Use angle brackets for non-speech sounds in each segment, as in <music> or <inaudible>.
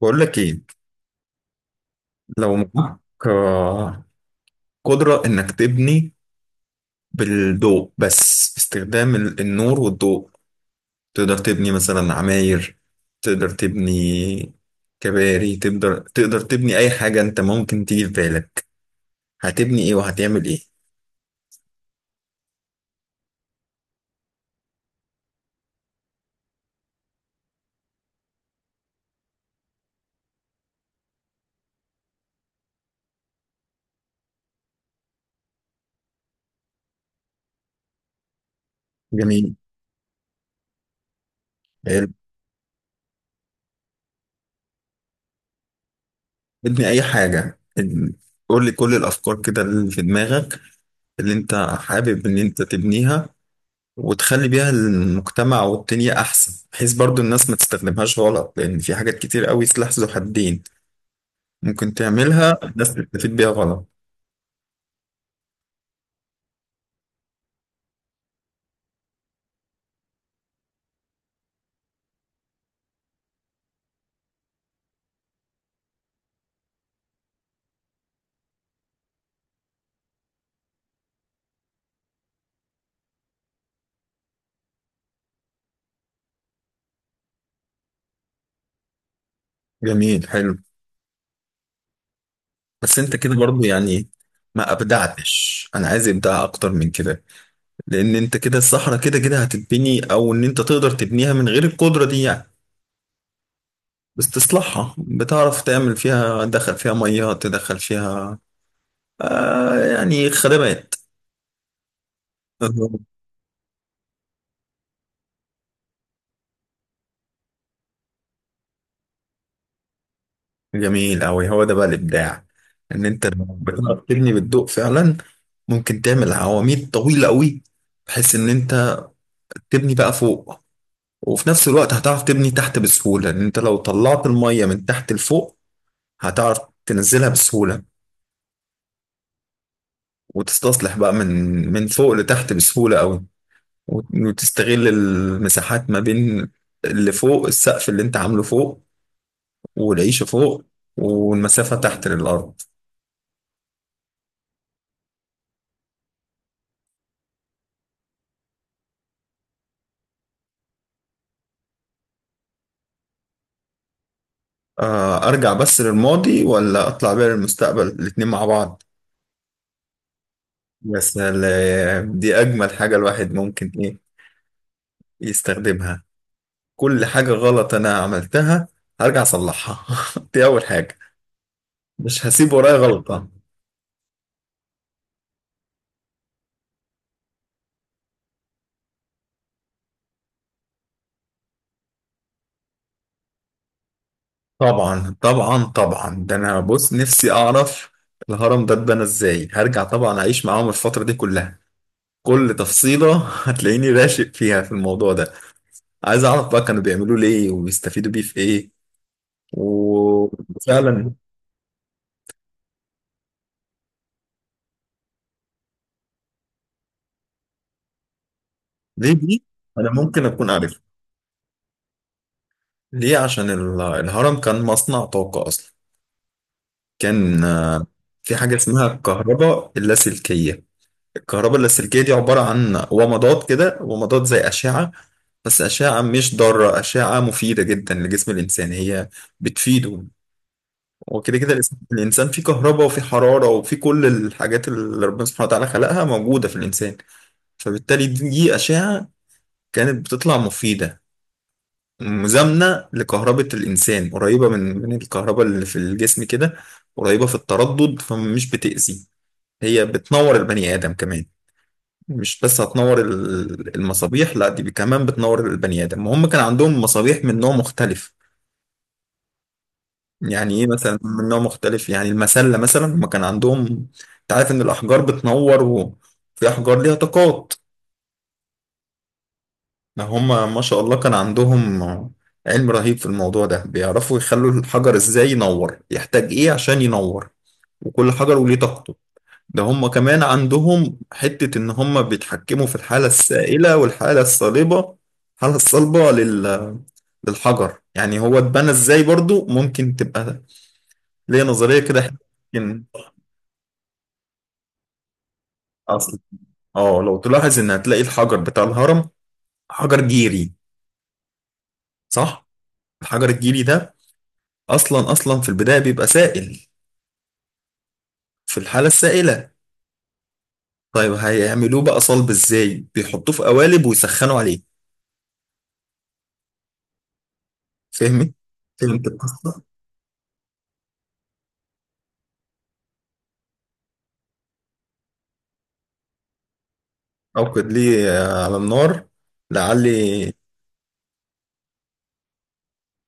بقول لك ايه لو معاك آه. آه، قدرة انك تبني بالضوء بس استخدام النور والضوء تقدر تبني مثلا عماير، تقدر تبني كباري، تقدر تبني اي حاجة انت ممكن تيجي في بالك، هتبني ايه وهتعمل ايه. جميل، حلو. ابني اي حاجة، قول لي كل الافكار كده اللي في دماغك، اللي انت حابب ان انت تبنيها وتخلي بيها المجتمع والدنيا أحسن، بحيث برضو الناس ما تستخدمهاش غلط، لأن في حاجات كتير قوي سلاح ذو حدين ممكن تعملها الناس تستفيد بيها غلط. جميل، حلو. بس أنت كده برضو يعني ما أبدعتش، أنا عايز إبداع أكتر من كده. لأن أنت كده الصحراء كده كده هتتبني، أو إن أنت تقدر تبنيها من غير القدرة دي يعني. بس تصلحها، بتعرف تعمل فيها، تدخل فيها مية، تدخل فيها آه يعني خدمات. جميل أوي، هو ده بقى الإبداع. إن أنت لما بتعرف تبني بالضوء فعلا ممكن تعمل عواميد طويلة أوي، بحيث إن أنت تبني بقى فوق، وفي نفس الوقت هتعرف تبني تحت بسهولة. إن أنت لو طلعت المية من تحت لفوق هتعرف تنزلها بسهولة، وتستصلح بقى من فوق لتحت بسهولة أوي، وتستغل المساحات ما بين اللي فوق السقف اللي أنت عامله فوق والعيشة فوق والمسافة تحت للأرض. ارجع بس للماضي ولا اطلع بيها للمستقبل؟ الاتنين مع بعض. يا سلام، دي اجمل حاجة الواحد ممكن ايه يستخدمها. كل حاجة غلط انا عملتها هرجع اصلحها. <laughs> دي اول حاجة، مش هسيب ورايا غلطة. طبعا طبعا طبعا، ده انا بص نفسي اعرف الهرم ده اتبنى ازاي، هرجع طبعا اعيش معاهم الفترة دي كلها، كل تفصيلة. <laughs> هتلاقيني راشق فيها في الموضوع ده، عايز اعرف بقى كانوا بيعملوا ليه وبيستفيدوا بيه في ايه، وفعلا. ليه دي؟ أنا ممكن أكون عارف. ليه؟ عشان الهرم كان مصنع طاقة أصلا. كان في حاجة اسمها الكهرباء اللاسلكية. الكهرباء اللاسلكية دي عبارة عن ومضات كده، ومضات زي أشعة، بس أشعة مش ضارة، أشعة مفيدة جدا لجسم الإنسان، هي بتفيده. وكده كده الإنسان فيه كهرباء وفيه حرارة وفيه كل الحاجات اللي ربنا سبحانه وتعالى خلقها موجودة في الإنسان. فبالتالي دي أشعة كانت بتطلع مفيدة، مزامنة لكهربة الإنسان، قريبة من الكهرباء اللي في الجسم كده، قريبة في التردد فمش بتأذي. هي بتنور البني آدم كمان، مش بس هتنور المصابيح، لا دي كمان بتنور البني آدم. وهم كان عندهم مصابيح من نوع مختلف. يعني إيه مثلا من نوع مختلف؟ يعني المسلة مثلا هم كان عندهم. أنت عارف إن الأحجار بتنور وفي أحجار ليها طاقات. ده هما ما شاء الله كان عندهم علم رهيب في الموضوع ده، بيعرفوا يخلوا الحجر ازاي ينور، يحتاج ايه عشان ينور، وكل حجر وليه طاقته. ده هما كمان عندهم حتة ان هما بيتحكموا في الحالة السائلة والحالة الصلبة. الحالة الصلبة للحجر، يعني هو اتبنى ازاي برضو. ممكن تبقى ليا نظرية كده حلوة. ممكن. اصلا اه لو تلاحظ ان هتلاقي الحجر بتاع الهرم حجر جيري، صح؟ الحجر الجيري ده اصلا اصلا في البدايه بيبقى سائل، في الحاله السائله. طيب هيعملوه بقى صلب ازاي؟ بيحطوه في قوالب ويسخنوا عليه، فهمي. فهمت القصه. اوقد لي على النار لعلي.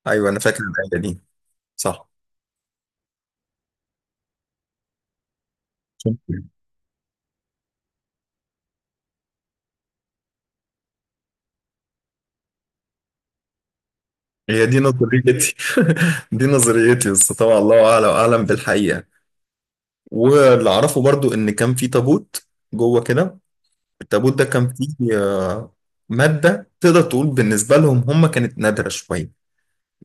ايوه انا فاكر الايه دي. صح. شكراً. هي دي نظريتي. <laughs> دي نظريتي، بس طبعا الله اعلم، بالحقيقه. واللي اعرفه برضو ان كان في تابوت جوه كده. التابوت ده كان فيه ماده تقدر تقول بالنسبه لهم هم كانت نادره شويه.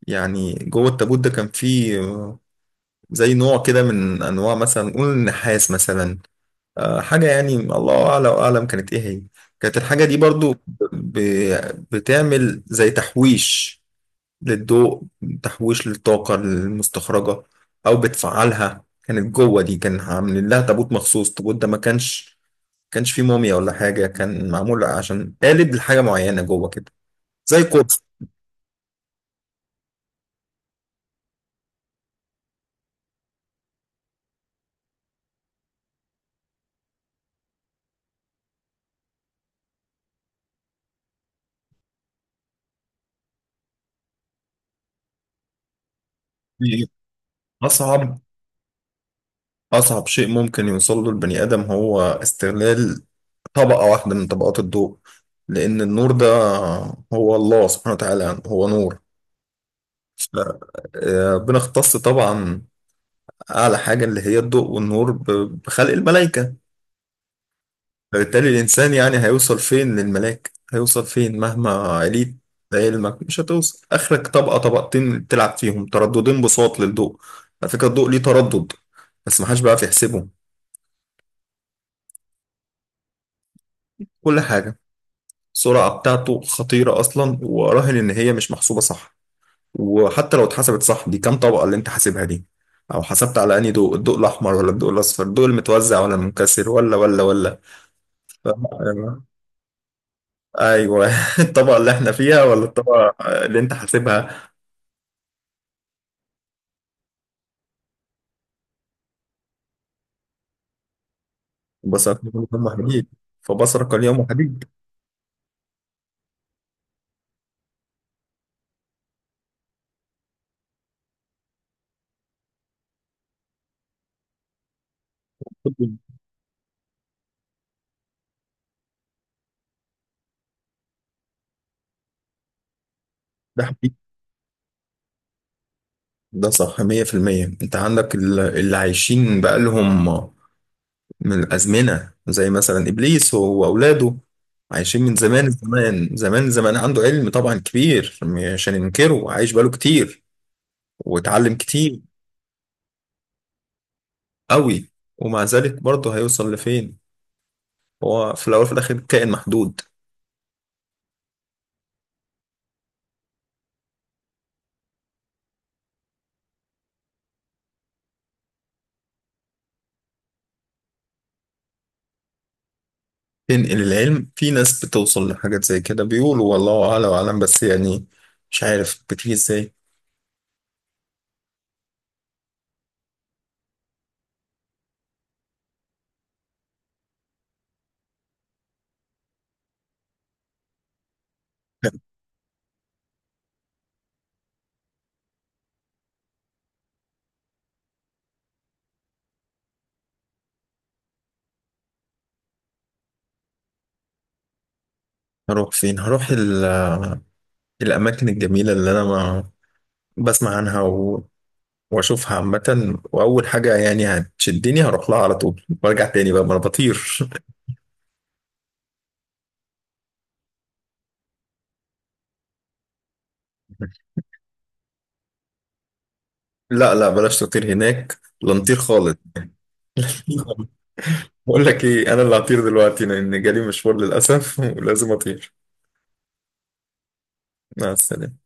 يعني جوه التابوت ده كان فيه زي نوع كده من انواع، مثلا نقول النحاس مثلا. حاجه يعني الله اعلى واعلم كانت ايه هي. كانت الحاجه دي برضو ب- بتعمل زي تحويش للضوء، تحويش للطاقه المستخرجه، او بتفعلها. كانت جوه دي، كان عاملين لها تابوت مخصوص. التابوت ده ما كانش فيه موميا ولا حاجه، كان معمول عشان قالب لحاجه معينه جوه كده، زي قرص. اصعب، أصعب شيء ممكن يوصل له البني آدم هو استغلال طبقة واحدة من طبقات الضوء. لأن النور ده هو الله سبحانه وتعالى هو نور. بنختص طبعا أعلى حاجة اللي هي الضوء والنور بخلق الملائكة. فبالتالي الإنسان يعني هيوصل فين للملاك؟ هيوصل فين مهما عليت بعلمك؟ مش هتوصل آخرك طبقة طبقتين تلعب فيهم ترددين بساط للضوء. على فكرة الضوء ليه تردد بس محدش بيعرف يحسبهم. كل حاجة، السرعة بتاعته خطيرة أصلا، وأراهن إن هي مش محسوبة صح. وحتى لو اتحسبت صح، دي كام طبقة اللي أنت حاسبها دي؟ أو حسبت على أنهي ضوء؟ الضوء الأحمر ولا الضوء الأصفر؟ الضوء المتوزع ولا المنكسر ولا ولا ولا. ف- أيوه. <laughs> الطبقة اللي إحنا فيها ولا الطبقة اللي أنت حاسبها. بصرك اليوم وحديد. فبصرك اليوم وحديد. ده حقيقي. ده صح 100%. أنت عندك اللي عايشين بقالهم من الأزمنة، زي مثلا إبليس هو وأولاده، عايشين من زمان زمان زمان زمان، عنده علم طبعا كبير. عشان ينكره عايش بقاله كتير واتعلم كتير قوي. ومع ذلك برضه هيوصل لفين؟ هو في الأول وفي الآخر كائن محدود. تنقل العلم، في ناس بتوصل لحاجات زي كده بيقولوا والله أعلى وأعلم، بس يعني مش عارف بتيجي إزاي. هروح فين؟ هروح الأماكن الجميلة اللي أنا ما بسمع عنها واشوفها عامة. واول حاجة يعني هتشدني هروح لها على طول وارجع تاني بقى، ما انا بطير. <laughs> لا لا بلاش تطير هناك، لا نطير خالص. <laughs> بقول لك ايه، انا اللي هطير دلوقتي لان جالي مشوار للاسف، <laughs> ولازم اطير. مع السلامة.